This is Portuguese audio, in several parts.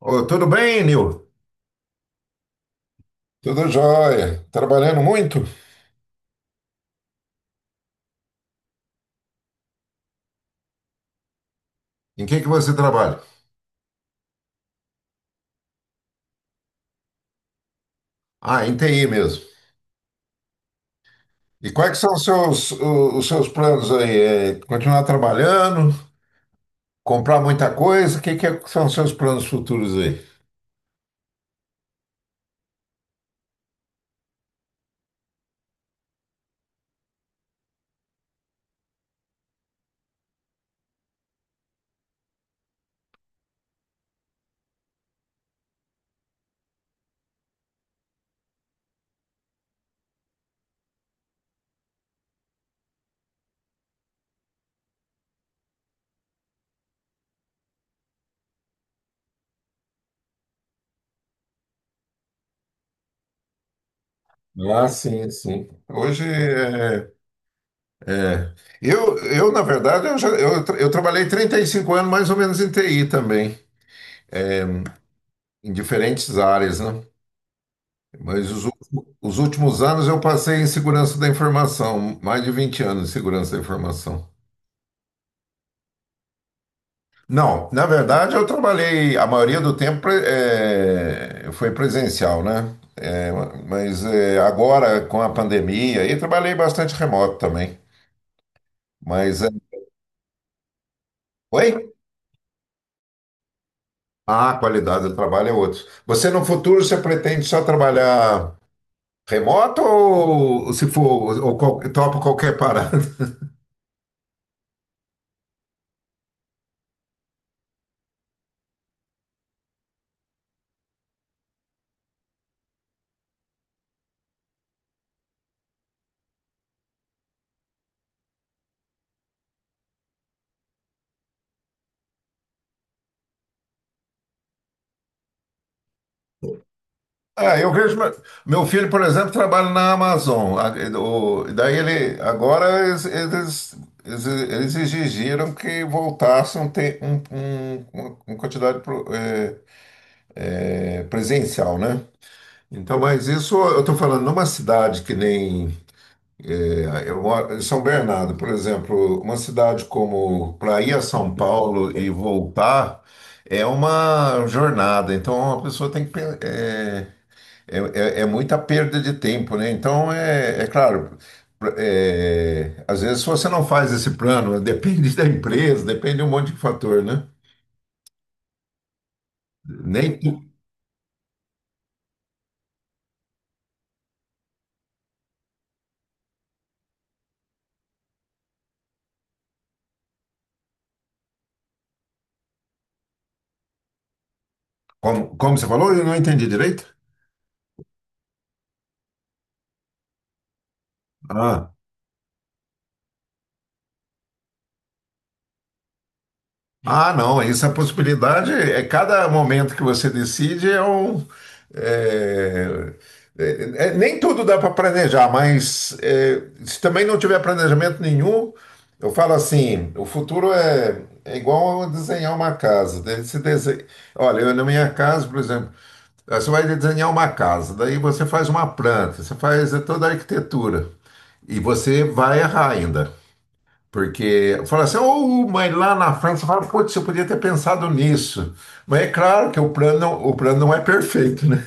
Ô, tudo bem, Nil? Tudo jóia. Trabalhando muito? Em que você trabalha? Ah, em TI mesmo. E quais que são os seus, os seus planos aí? É continuar trabalhando? Comprar muita coisa? O que que são os seus planos futuros aí? Ah, sim, sim. Hoje é, é. Eu, na verdade, eu trabalhei 35 anos mais ou menos em TI também, em diferentes áreas, né? Mas os últimos anos eu passei em segurança da informação, mais de 20 anos em segurança da informação. Não, na verdade eu trabalhei, a maioria do tempo foi presencial, né? Mas agora com a pandemia, aí trabalhei bastante remoto também. Mas, oi? Ah, a qualidade do trabalho é outra. Você no futuro, você pretende só trabalhar remoto ou se for, ou topa qualquer parada? Ah, eu vejo. Meu filho, por exemplo, trabalha na Amazon. Daí ele. Agora eles exigiram que voltasse uma quantidade presencial, né? Então, mas isso eu estou falando numa cidade que nem. Eu moro em São Bernardo, por exemplo, uma cidade como para ir a São Paulo e voltar é uma jornada. Então, a pessoa tem que. É, é muita perda de tempo, né? Então, é, é claro, às vezes se você não faz esse plano, depende da empresa, depende de um monte de fator, né? Nem, tu- Como, como você falou, eu não entendi direito. Ah, não, essa possibilidade é cada momento que você decide é um. é- Nem tudo dá para planejar, mas é, se também não tiver planejamento nenhum, eu falo assim: o futuro é, é igual a desenhar uma casa. Daí você desenha, olha, eu, na minha casa, por exemplo, você vai desenhar uma casa, daí você faz uma planta, você faz toda a arquitetura e você vai errar ainda. Porque fala assim, ô mãe, lá na França, fala, putz, você podia ter pensado nisso. Mas é claro que o plano não é perfeito, né?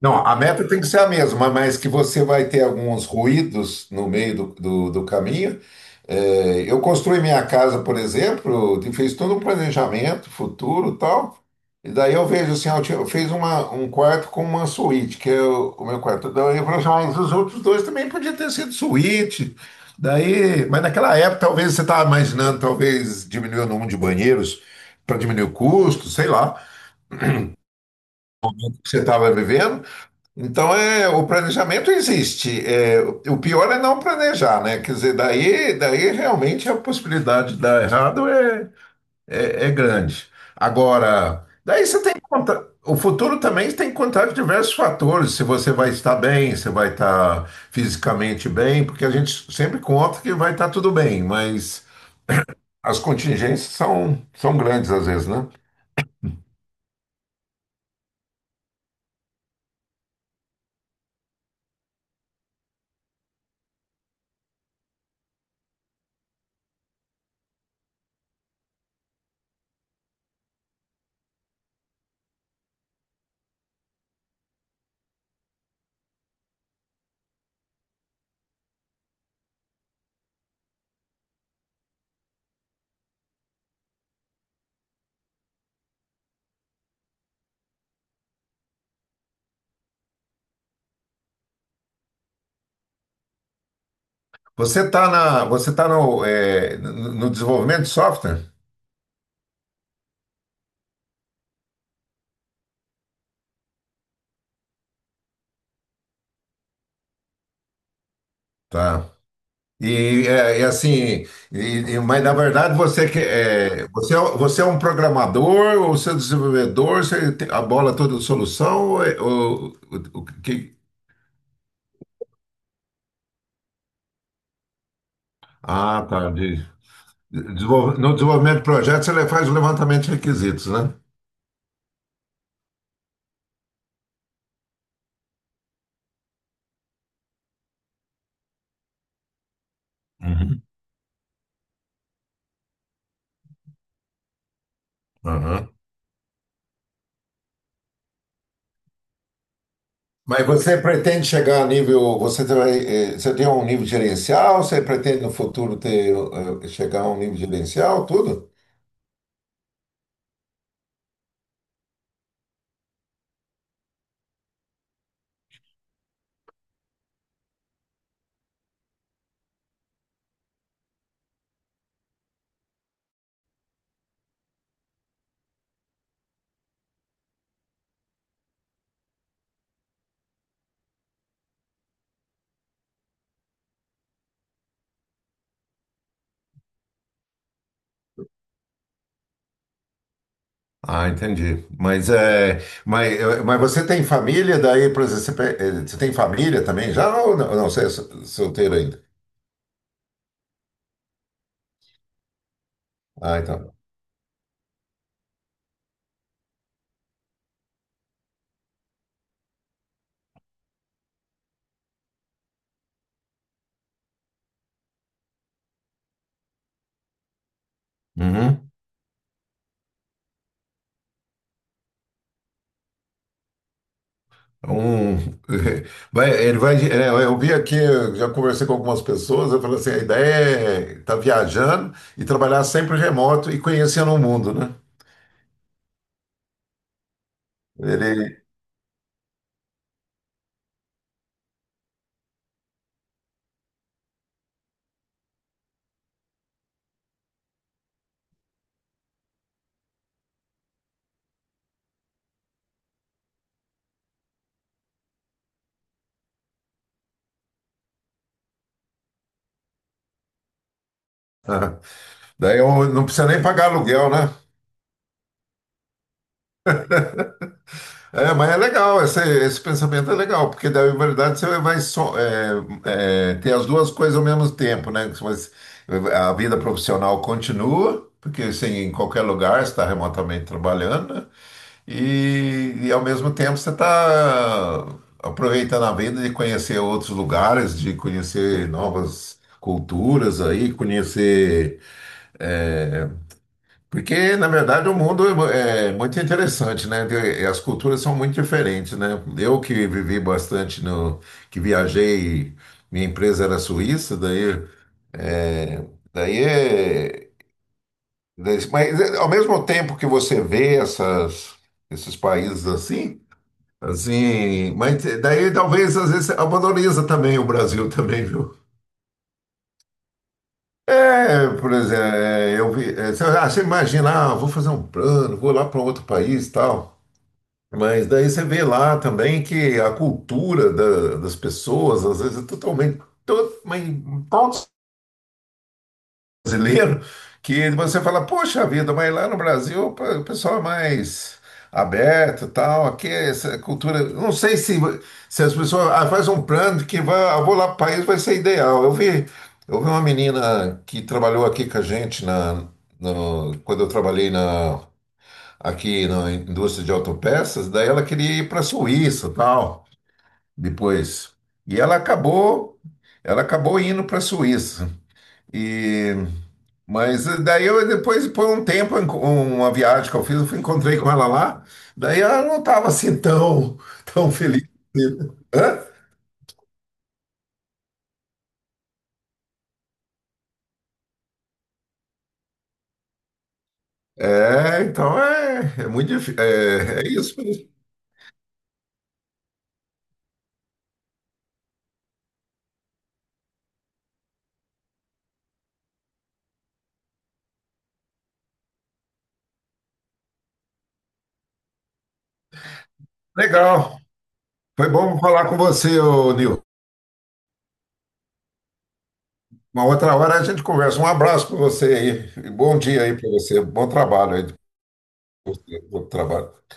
Não, a meta tem que ser a mesma, mas que você vai ter alguns ruídos no meio do caminho. É, eu construí minha casa, por exemplo, e fiz todo um planejamento futuro e tal. E daí eu vejo assim, eu fiz uma, um quarto com uma suíte, que é o meu quarto. Daí eu falei assim, "Ah, mas os outros dois também podiam ter sido suíte. Daí, mas naquela época talvez você estava imaginando, talvez diminuir o número de banheiros para diminuir o custo, sei lá, que você estava vivendo. Então, é, o planejamento existe. É, o pior é não planejar, né? Quer dizer, daí realmente a possibilidade de dar errado é, é, é grande. Agora, daí você tem que contar. O futuro também tem que contar com diversos fatores. Se você vai estar bem, se vai estar fisicamente bem, porque a gente sempre conta que vai estar tudo bem, mas as contingências são, são grandes às vezes, né? Você está na, você tá no, é, no desenvolvimento de software? Tá. E, é, e, assim, mas na verdade você que é, você, você é um programador ou você é um desenvolvedor, você tem a bola toda de solução ou, o que Ah, tá. No desenvolvimento de projetos ele faz o levantamento de requisitos, né? Uhum. Aham. Mas você pretende chegar a nível, você tem, você tem um nível gerencial, você pretende no futuro ter, chegar a um nível gerencial, tudo? Ah, entendi. Mas é, mas, é, mas você tem família daí, por exemplo, você tem família também já ou não, não, você é solteiro ainda? Ah, então. Uhum. Um, vai, ele vai, é, eu vi aqui, eu já conversei com algumas pessoas, eu falei assim, a ideia é estar viajando e trabalhar sempre remoto e conhecendo o mundo, né? Ele, ah, daí eu não precisa nem pagar aluguel, né? É, mas é legal, esse pensamento é legal, porque daí, na verdade, você vai só, é, é, ter as duas coisas ao mesmo tempo, né? Mas a vida profissional continua, porque assim, em qualquer lugar você está remotamente trabalhando, né? E, e ao mesmo tempo você está aproveitando a vida de conhecer outros lugares, de conhecer novas culturas aí, conhecer é, porque, na verdade, o mundo é muito interessante, né? E as culturas são muito diferentes, né? Eu que vivi bastante no, que viajei, minha empresa era suíça, é, daí, é, mas é, ao mesmo tempo que você vê essas, esses países assim, assim, mas daí talvez às vezes valoriza também o Brasil também, viu? É, por exemplo, é, eu vi, é, sei lá, você imagina, ah, vou fazer um plano, vou lá para outro país e tal. Mas daí você vê lá também que a cultura das pessoas, às vezes, é totalmente, todo mas tão brasileiro, que você fala, poxa vida, mas lá no Brasil o pessoal é mais aberto e tal, aqui é essa cultura. Eu não sei se, se as pessoas ah, faz um plano que vai, ah, vou lá para o país, vai ser ideal. Eu vi uma menina que trabalhou aqui com a gente na, quando eu trabalhei na aqui na indústria de autopeças, daí ela queria ir para a Suíça, tal, depois. E ela acabou, ela acabou indo para a Suíça. E mas daí eu depois por um tempo uma viagem que eu fiz, encontrei com ela lá. Daí ela não estava assim tão feliz. Hã? É, então é, é muito difícil. É, é isso mesmo. Legal. Foi bom falar com você, ô Nil. Uma outra hora a gente conversa. Um abraço para você aí. Bom dia aí para você. Bom trabalho aí. Bom trabalho.